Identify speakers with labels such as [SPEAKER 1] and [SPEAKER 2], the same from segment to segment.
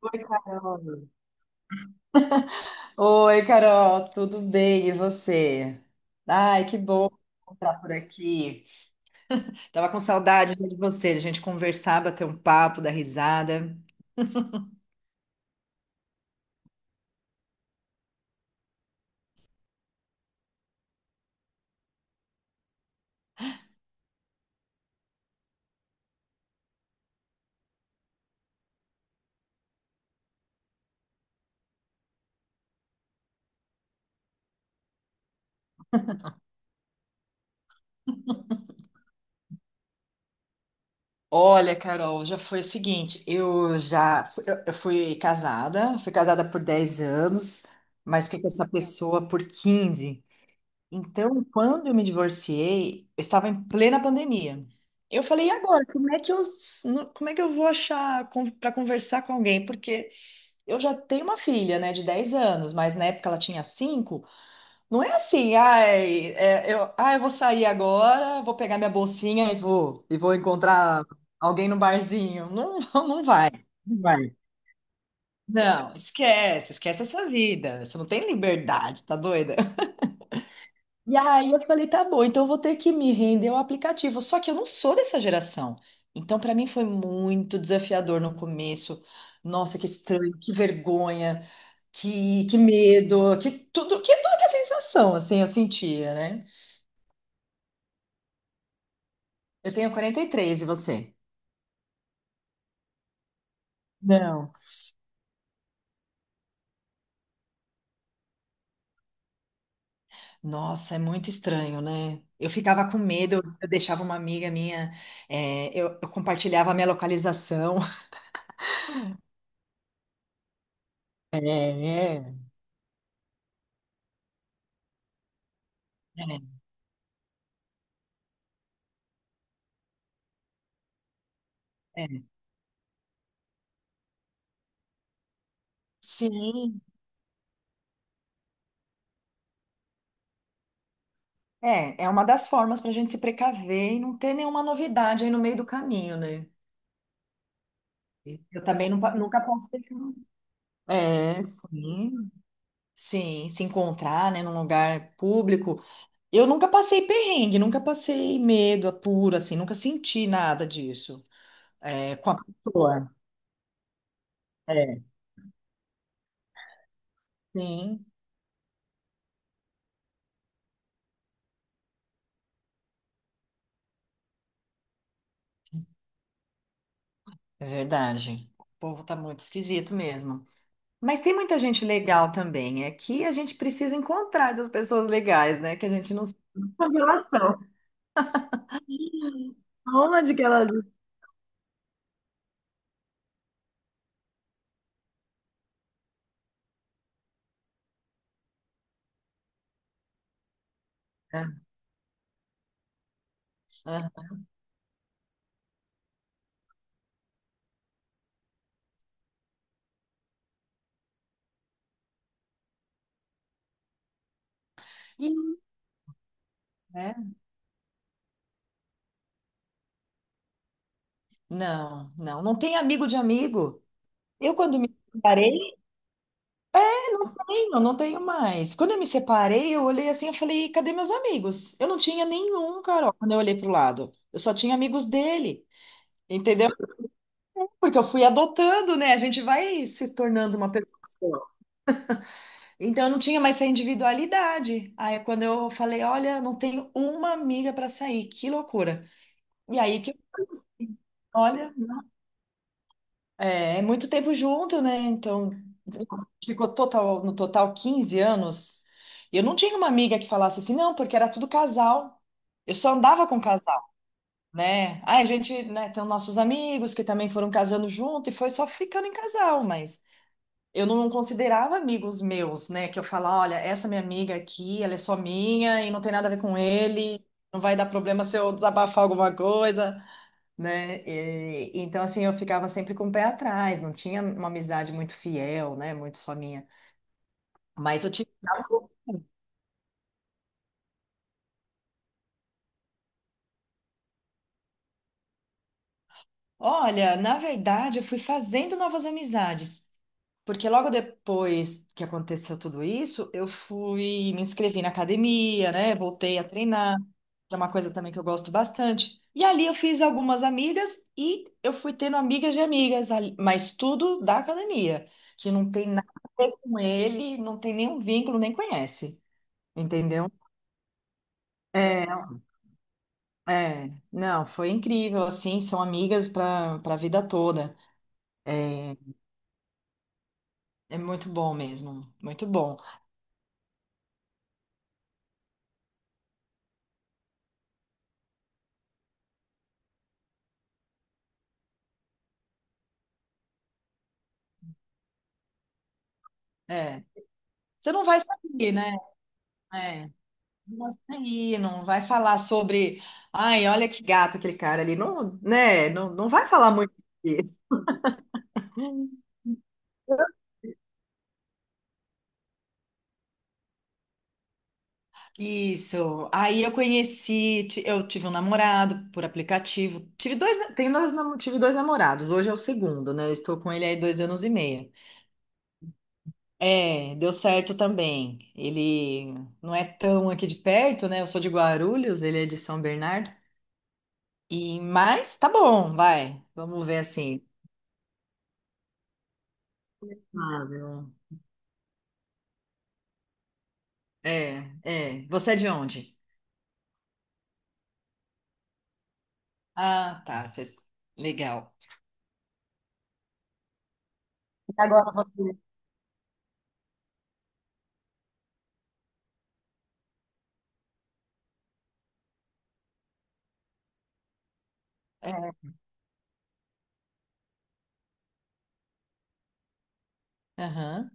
[SPEAKER 1] Oi, Carol. Oi, Carol, tudo bem? E você? Ai, que bom estar por aqui. Tava com saudade de você, de a gente conversar, bater um papo, dar risada. Olha, Carol, já foi o seguinte, eu fui casada por 10 anos, mas fiquei com essa pessoa por 15. Então, quando eu me divorciei, eu estava em plena pandemia. Eu falei, e agora, como é que eu vou achar para conversar com alguém? Porque eu já tenho uma filha, né, de 10 anos, mas na época ela tinha 5. Não é assim, ai, eu vou sair agora, vou pegar minha bolsinha e e vou encontrar alguém no barzinho. Não, não vai. Não vai. Não, esquece, esquece essa vida. Você não tem liberdade, tá doida? E aí eu falei, tá bom, então eu vou ter que me render ao aplicativo. Só que eu não sou dessa geração. Então, para mim foi muito desafiador no começo. Nossa, que estranho, que vergonha. Que medo, que tudo, que tudo que é sensação, assim, eu sentia, né? Eu tenho 43 e você? Não. Nossa, é muito estranho, né? Eu ficava com medo, eu deixava uma amiga minha, eu compartilhava a minha localização. É, é. É, é. Sim, é uma das formas para a gente se precaver e não ter nenhuma novidade aí no meio do caminho, né? Eu também não, nunca passei por um- É, sim, sim, se encontrar, né, num lugar público. Eu nunca passei perrengue, nunca passei medo puro, assim, nunca senti nada disso. É, com a pessoa. É. Sim, é verdade. O povo tá muito esquisito mesmo. Mas tem muita gente legal também. É que a gente precisa encontrar essas pessoas legais, né? Que a gente não sabe A estão. onde que elas estão. É, é. E, né? Não, não, não tem amigo de amigo. Eu, quando me separei, Não tenho mais. Quando eu me separei, eu olhei assim, eu falei, cadê meus amigos? Eu não tinha nenhum, Carol, quando eu olhei pro lado. Eu só tinha amigos dele, entendeu? Porque eu fui adotando, né? A gente vai se tornando uma pessoa só. Então eu não tinha mais essa individualidade. Aí quando eu falei, olha, não tenho uma amiga para sair, que loucura. E aí que eu, olha, é, é muito tempo junto, né? Então, no total 15 anos. Eu não tinha uma amiga que falasse assim, não, porque era tudo casal. Eu só andava com casal, né? Aí a gente, né, tem os nossos amigos que também foram casando junto e foi só ficando em casal, mas eu não considerava amigos meus, né? Que eu falava, olha, essa minha amiga aqui, ela é só minha e não tem nada a ver com ele, não vai dar problema se eu desabafar alguma coisa, né? Então, assim, eu ficava sempre com o pé atrás, não tinha uma amizade muito fiel, né? Muito só minha. Mas eu tive. Olha, na verdade, eu fui fazendo novas amizades. Porque logo depois que aconteceu tudo isso, me inscrevi na academia, né? Voltei a treinar, que é uma coisa também que eu gosto bastante. E ali eu fiz algumas amigas e eu fui tendo amigas de amigas, mas tudo da academia, que não tem nada a ver com ele, não tem nenhum vínculo, nem conhece, entendeu? É, é, não, foi incrível, assim, são amigas para a vida toda. É, é muito bom mesmo, muito bom. É, você não vai saber, né? É, mas aí não vai falar sobre, ai, olha que gato aquele cara ali, não, né? Não, não vai falar muito disso. Isso. Aí eu tive um namorado por aplicativo. Tive dois namorados. Hoje é o segundo, né? Eu estou com ele aí 2 anos e meio. É, deu certo também. Ele não é tão aqui de perto, né? Eu sou de Guarulhos, ele é de São Bernardo. E mas tá bom, vai. Vamos ver assim. É, é. Você é de onde? Ah, tá. Legal. E agora você. É, aham,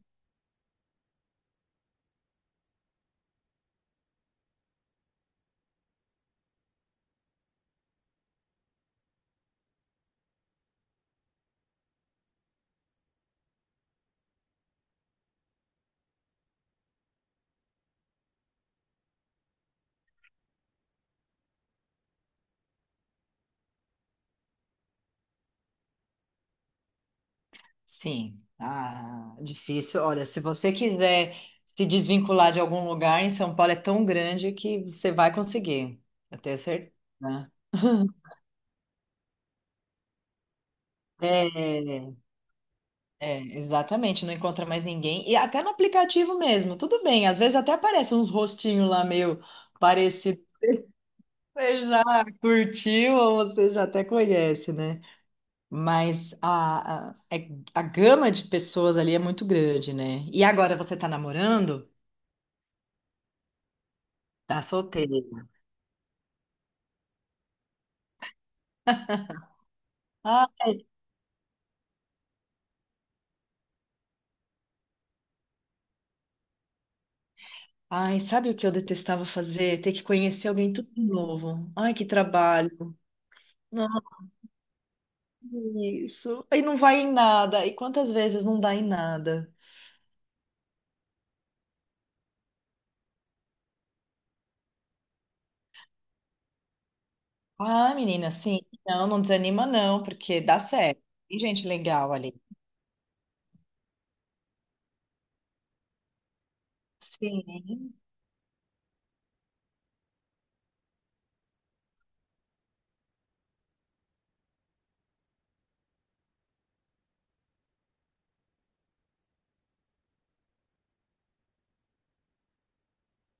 [SPEAKER 1] sim. Ah, difícil. Olha, se você quiser se desvincular de algum lugar em São Paulo, é tão grande que você vai conseguir. Eu tenho certeza. É, é, exatamente. Não encontra mais ninguém. E até no aplicativo mesmo. Tudo bem. Às vezes até aparecem uns rostinhos lá meio parecidos. Você já curtiu ou você já até conhece, né? Mas a gama de pessoas ali é muito grande, né? E agora você tá namorando? Tá solteira. Ai, ai, sabe o que eu detestava fazer? Ter que conhecer alguém tudo de novo. Ai, que trabalho. Não, isso. Aí não vai em nada. E quantas vezes não dá em nada? Ah, menina, sim. Não, não desanima não, porque dá certo. Tem gente legal ali. Sim.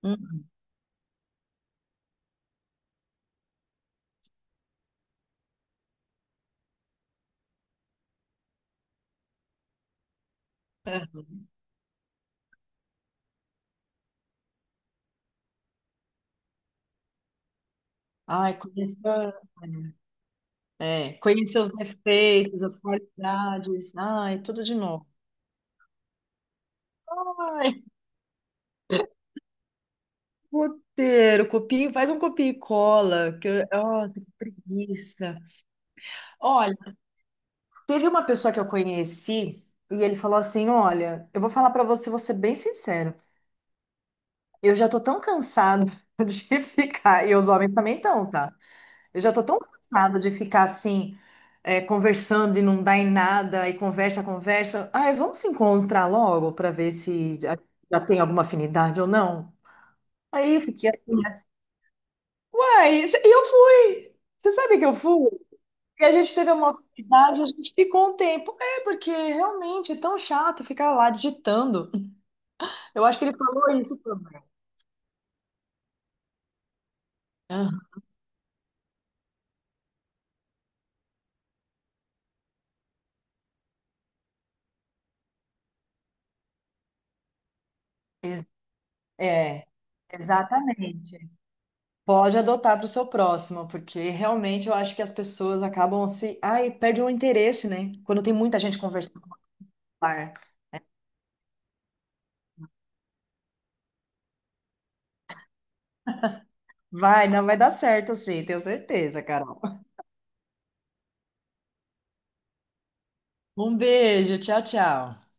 [SPEAKER 1] Hum. Ai, conheço. É, conhecer os defeitos, as qualidades. Ai, tudo de novo. Ai, roteiro, copia, faz um copia e cola. Nossa, que preguiça. Olha, teve uma pessoa que eu conheci e ele falou assim: olha, eu vou falar pra você, vou ser bem sincero. Eu já tô tão cansado de ficar, e os homens também estão, tá? Eu já tô tão cansada de ficar assim, conversando e não dá em nada, e conversa, conversa. Ai, vamos se encontrar logo para ver se já tem alguma afinidade ou não. Aí eu fiquei assim, uai, e eu fui. Você sabe que eu fui? E a gente teve uma afinidade, a gente ficou um tempo. É, porque realmente é tão chato ficar lá digitando. Eu acho que ele falou isso também. Aham. Ex- É, exatamente. Pode adotar para o seu próximo, porque realmente eu acho que as pessoas acabam se. Ai, perdem o interesse, né? Quando tem muita gente conversando no bar. Vai, não vai dar certo, sim, tenho certeza, Carol. Um beijo, tchau, tchau.